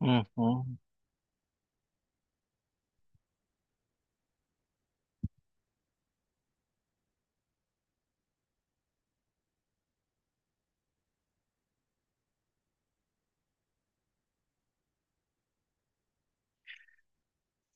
Ujú.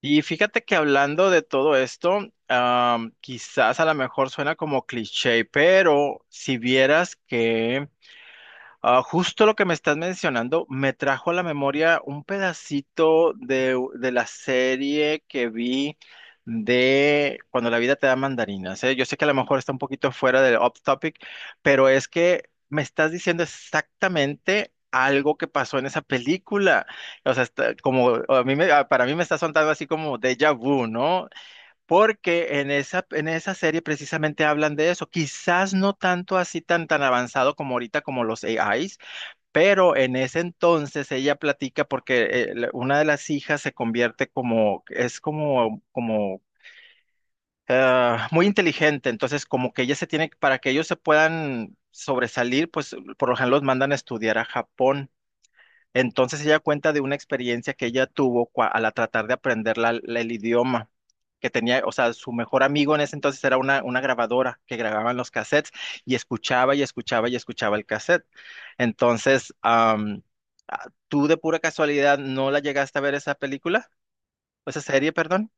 Y fíjate que hablando de todo esto, quizás a lo mejor suena como cliché, pero si vieras que justo lo que me estás mencionando me trajo a la memoria un pedacito de la serie que vi de Cuando la vida te da mandarinas, ¿eh? Yo sé que a lo mejor está un poquito fuera del off topic, pero es que me estás diciendo exactamente algo que pasó en esa película. O sea, está- como a mí me- ah, para mí me está sonando así como déjà vu, ¿no? Porque en esa serie precisamente hablan de eso. Quizás no tanto así tan avanzado como ahorita como los AIs, pero en ese entonces ella platica porque una de las hijas se convierte como muy inteligente, entonces como que ella se tiene, para que ellos se puedan sobresalir, pues por lo general los mandan a estudiar a Japón. Entonces ella cuenta de una experiencia que ella tuvo cua- al a tratar de aprender el idioma, que tenía, o sea, su mejor amigo en ese entonces era una grabadora que grababan los cassettes y escuchaba y escuchaba y escuchaba el cassette. Entonces, ¿tú de pura casualidad no la llegaste a ver esa película? Esa serie, perdón.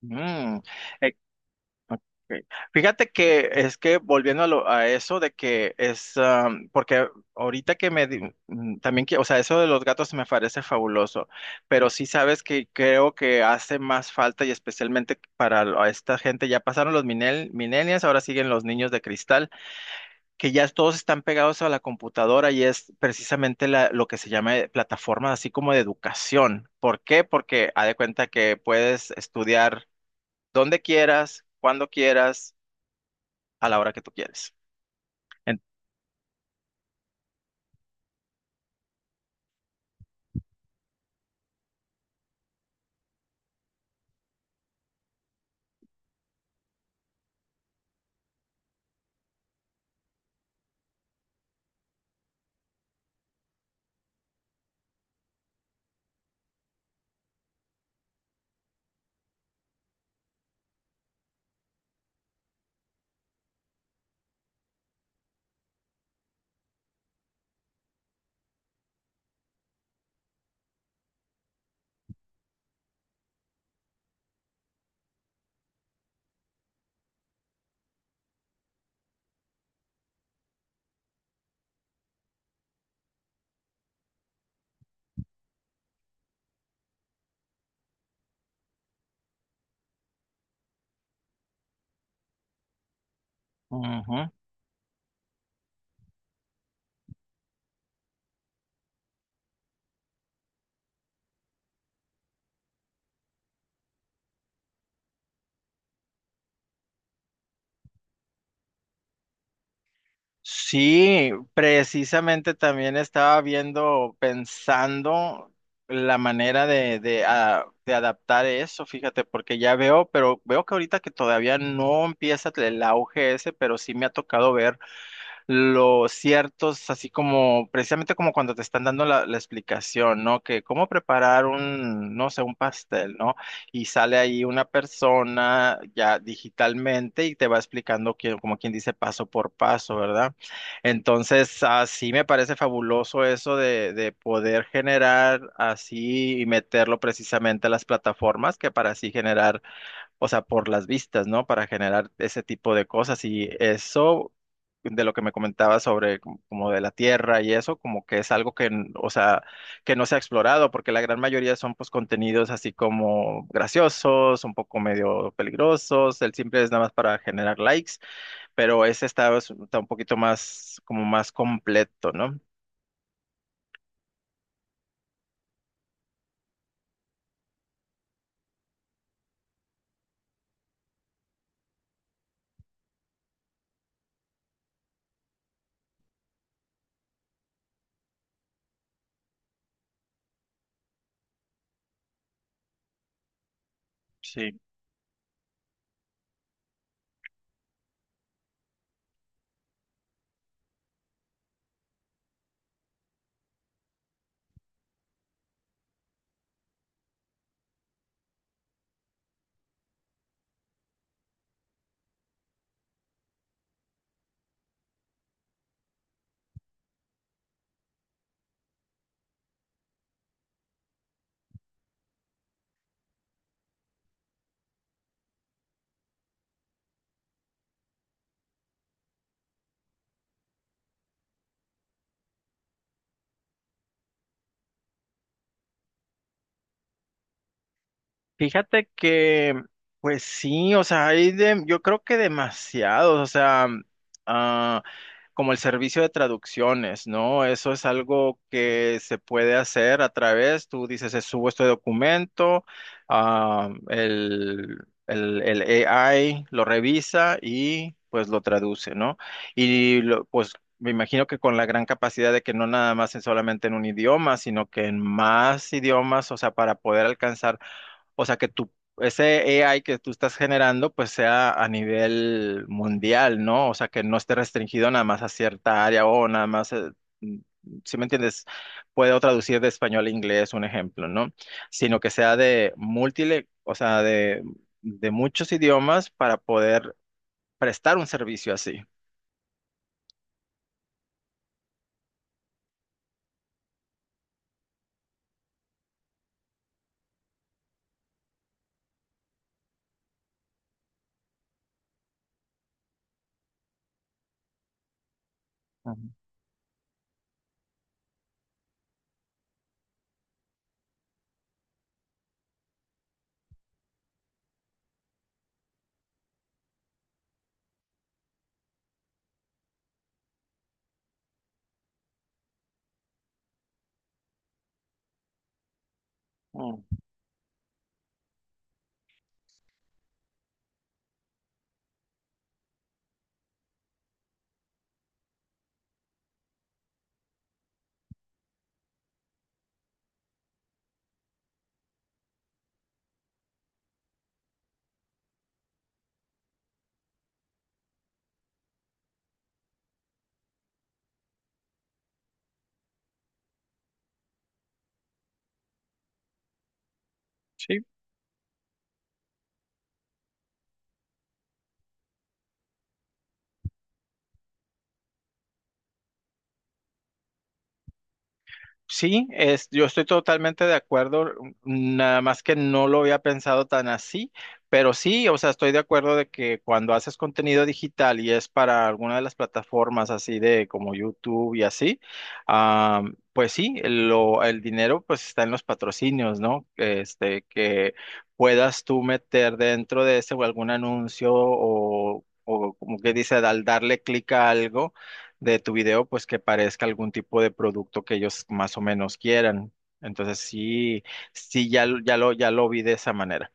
Mm. eh, Ok. Fíjate que es que volviendo a eso de que es, porque ahorita que me, di- mm, también que, o sea, eso de los gatos me parece fabuloso, pero sí sabes que creo que hace más falta y especialmente para a esta gente, ya pasaron los millennials, ahora siguen los niños de cristal, que ya todos están pegados a la computadora y es precisamente lo que se llama plataforma así como de educación. ¿Por qué? Porque haz de cuenta que puedes estudiar donde quieras, cuando quieras, a la hora que tú quieres. En- Ujú. Sí, precisamente también estaba viendo, pensando la manera de adaptar eso, fíjate, porque ya veo, pero veo que ahorita que todavía no empieza el auge ese, pero sí me ha tocado ver los ciertos, así como precisamente como cuando te están dando la explicación, ¿no? Que cómo preparar un, no sé, un pastel, ¿no? Y sale ahí una persona ya digitalmente y te va explicando que, como quien dice, paso por paso, ¿verdad? Entonces, así me parece fabuloso eso de poder generar así y meterlo precisamente a las plataformas que para así generar, o sea, por las vistas, ¿no? Para generar ese tipo de cosas. Y eso de lo que me comentaba sobre como de la Tierra y eso, como que es algo que, o sea, que no se ha explorado, porque la gran mayoría son pues contenidos así como graciosos, un poco medio peligrosos, el simple es nada más para generar likes, pero ese está, pues, está un poquito más, como más completo, ¿no? Sí. Fíjate que, pues sí, o sea, hay de, yo creo que demasiados, o sea, ah, como el servicio de traducciones, ¿no? Eso es algo que se puede hacer a través, tú dices, subo este documento, ah, el, el AI lo revisa y pues lo traduce, ¿no? Pues me imagino que con la gran capacidad de que no nada más es solamente en un idioma, sino que en más idiomas, o sea, para poder alcanzar, o sea, que tu, ese AI que tú estás generando, pues sea a nivel mundial, ¿no? O sea, que no esté restringido nada más a cierta área o nada más, mm, si me entiendes, puedo traducir de español a inglés, un ejemplo, ¿no? Sino que sea de múltiple, o sea, de muchos idiomas para poder prestar un servicio así. Ujú. Mm. Sí, sí, es, yo estoy totalmente de acuerdo, nada más que no lo había pensado tan así, pero sí, o sea, estoy de acuerdo de que cuando haces contenido digital y es para alguna de las plataformas así de como YouTube y así, ah, pues sí, lo, el dinero pues está en los patrocinios, ¿no? Este, que puedas tú meter dentro de ese o algún anuncio o como que dice, al darle clic a algo de tu video, pues que parezca algún tipo de producto que ellos más o menos quieran. Entonces sí, sí, ya, ya lo vi de esa manera.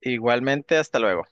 Igualmente, hasta luego.